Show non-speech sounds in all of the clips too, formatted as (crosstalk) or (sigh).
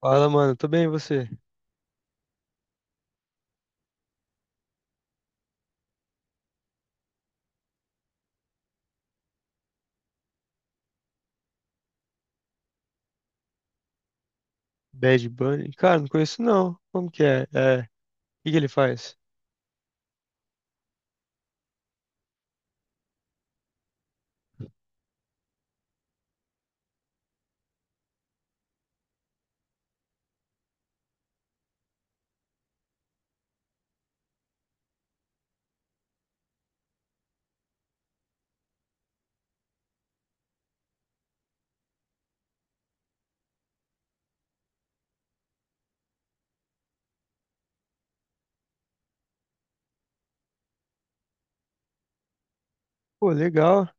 Fala, mano, tô bem e você? Bad Bunny? Cara, não conheço não. Como que é? É, o que que ele faz? Pô, legal.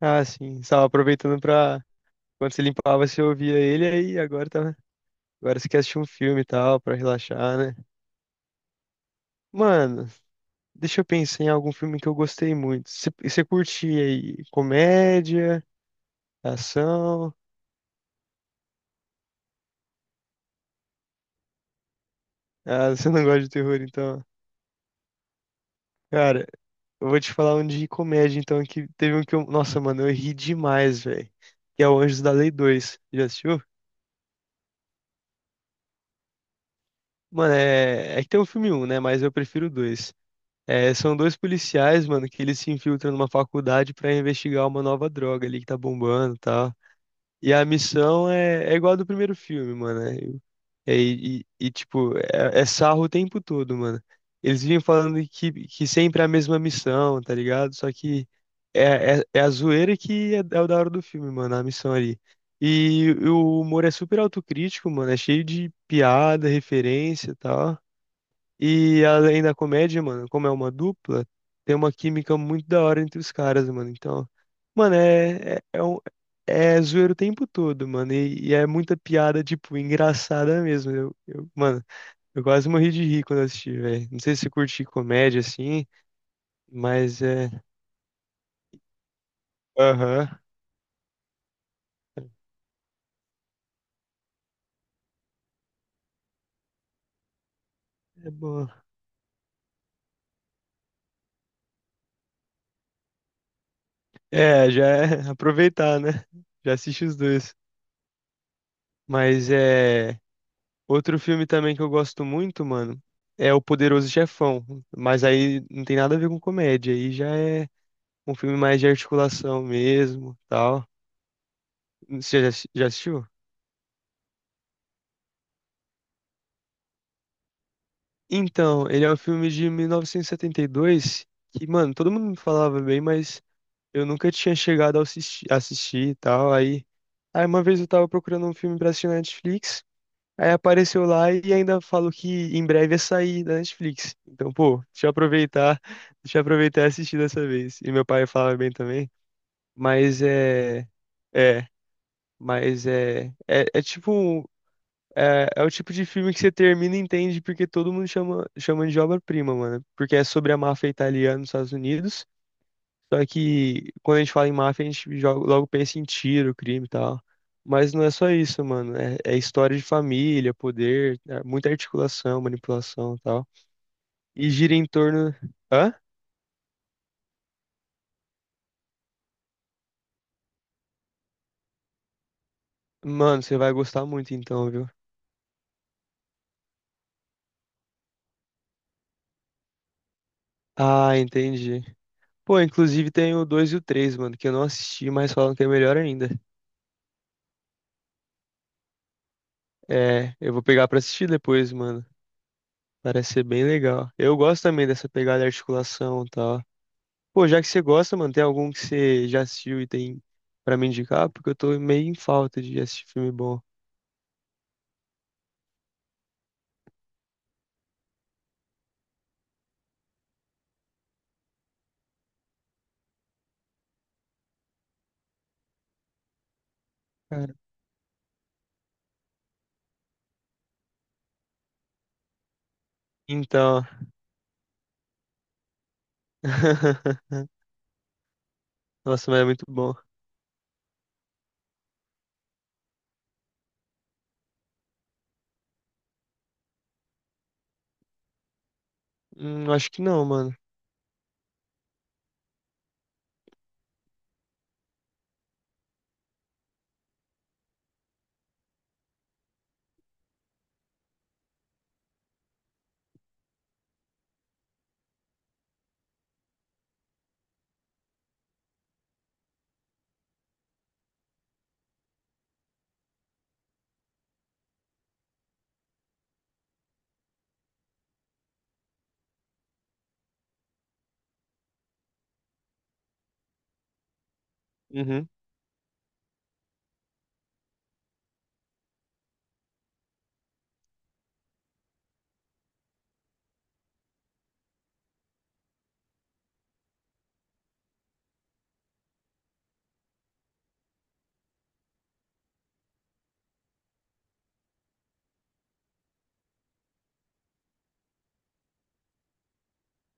Ah, sim, estava aproveitando pra. Quando você limpava, você ouvia ele, aí agora tá. Agora você quer assistir um filme e tal, pra relaxar, né? Mano, deixa eu pensar em algum filme que eu gostei muito. Você curte aí comédia, ação? Ah, (laughs) você não gosta de terror, então. Cara, eu vou te falar um de comédia, então, que teve um que eu. Nossa, mano, eu ri demais, velho. Que é o Anjos da Lei dois. Já assistiu? Mano, é. É que tem o filme um, né? Mas eu prefiro o 2. É, são dois policiais, mano, que eles se infiltram numa faculdade pra investigar uma nova droga ali que tá bombando e tal. E a missão é igual a do primeiro filme, mano, né? E, tipo, é sarro o tempo todo, mano. Eles vivem falando que sempre é a mesma missão, tá ligado? Só que é a zoeira que é o da hora do filme, mano, a missão ali. E o humor é super autocrítico, mano, é cheio de piada, referência e tal. E além da comédia, mano, como é uma dupla, tem uma química muito da hora entre os caras, mano. Então, mano, é zoeiro o tempo todo, mano. E é muita piada, tipo, engraçada mesmo. Mano, eu quase morri de rir quando eu assisti, velho. Não sei se curti comédia assim, mas é. Aham. É bom. É, já é (laughs) aproveitar, né? Já assisti os dois. Mas é. Outro filme também que eu gosto muito, mano, é O Poderoso Chefão. Mas aí não tem nada a ver com comédia. Aí já é um filme mais de articulação mesmo, tal. Você já assistiu? Então, ele é um filme de 1972 que, mano, todo mundo me falava bem, mas eu nunca tinha chegado a assistir, e tal. Aí, uma vez eu tava procurando um filme pra assistir na Netflix. Aí apareceu lá e ainda falou que em breve ia sair da Netflix. Então, pô, deixa eu aproveitar, (laughs) deixa eu aproveitar e assistir dessa vez. E meu pai falava bem também. Mas é. É, mas é. É tipo. É o tipo de filme que você termina e entende porque todo mundo chama, chama de obra-prima, mano. Porque é sobre a máfia italiana nos Estados Unidos. Só que quando a gente fala em máfia, a gente logo pensa em tiro, crime e tal. Mas não é só isso, mano. É história de família, poder, é muita articulação, manipulação e tal. E gira em torno. Hã? Mano, você vai gostar muito então, viu? Ah, entendi. Pô, inclusive tem o 2 e o três, mano, que eu não assisti, mas falam que é melhor ainda. É, eu vou pegar pra assistir depois, mano. Parece ser bem legal. Eu gosto também dessa pegada de articulação e tal. Pô, já que você gosta, mano, tem algum que você já assistiu e tem pra me indicar? Porque eu tô meio em falta de assistir filme bom. Cara. Então. (laughs) Nossa, mas é muito bom. Acho que não, mano. Uhum.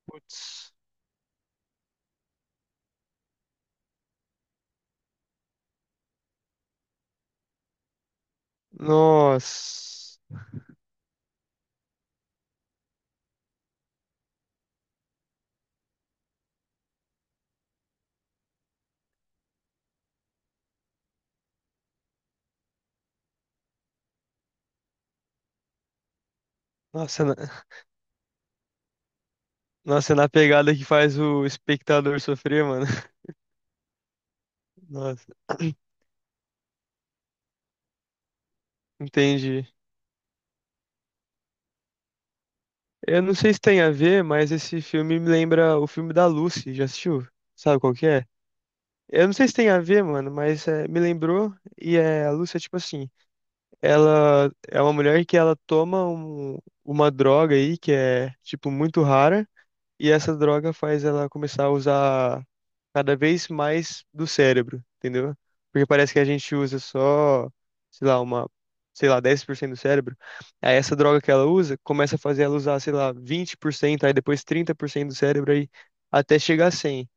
Putz. Nossa. Nossa, na. Nossa, é na pegada que faz o espectador sofrer, mano. (laughs) Nossa. (clears throat) Entendi. Eu não sei se tem a ver, mas esse filme me lembra o filme da Lucy. Já assistiu? Sabe qual que é? Eu não sei se tem a ver, mano, mas é, me lembrou. E é, a Lúcia, tipo assim, ela é uma mulher que ela toma uma droga aí que é, tipo, muito rara. E essa droga faz ela começar a usar cada vez mais do cérebro, entendeu? Porque parece que a gente usa só, sei lá, sei lá, 10% do cérebro. Aí essa droga que ela usa começa a fazer ela usar, sei lá, 20%, aí depois 30% do cérebro, aí até chegar a 100.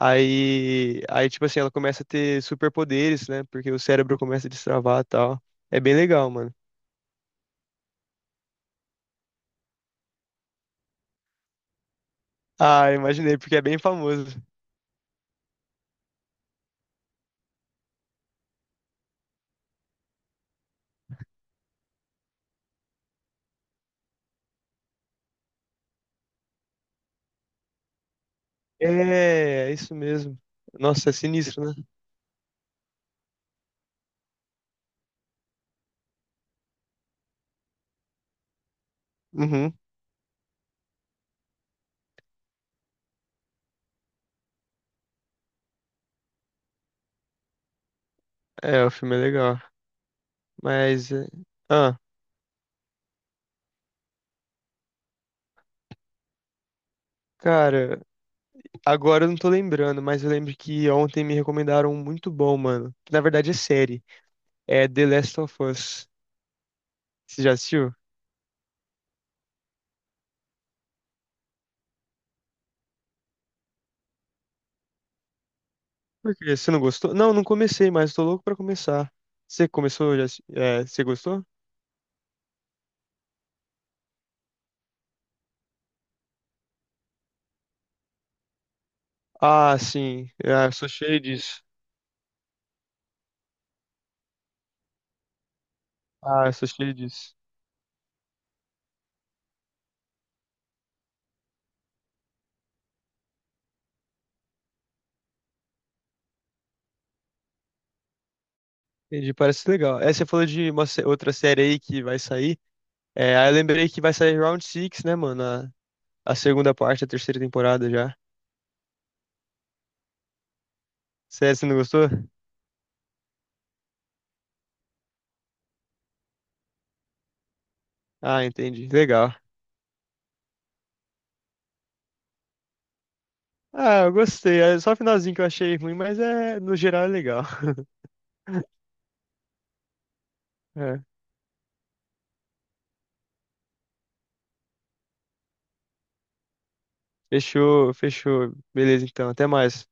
Aí, tipo assim, ela começa a ter superpoderes, né? Porque o cérebro começa a destravar e tal. É bem legal, mano. Ah, imaginei, porque é bem famoso. É, é isso mesmo. Nossa, é sinistro, né? Uhum. É, o filme é legal. Mas é. Ah, cara, agora eu não tô lembrando, mas eu lembro que ontem me recomendaram um muito bom, mano. Que na verdade é série. É The Last of Us. Você já assistiu? Por quê? Você não gostou? Não, não comecei, mas tô louco pra começar. Você começou já? É, você gostou? Ah, sim. Ah, eu sou cheio disso. Ah, eu sou cheio disso. Entendi, parece legal. É, você falou de uma outra série aí que vai sair. É, aí eu lembrei que vai sair Round 6, né, mano? A segunda parte, a terceira temporada já. Sério, você não gostou? Ah, entendi. Legal. Ah, eu gostei. É só o finalzinho que eu achei ruim, mas é, no geral é legal. (laughs) É. Fechou, fechou. Beleza, então. Até mais.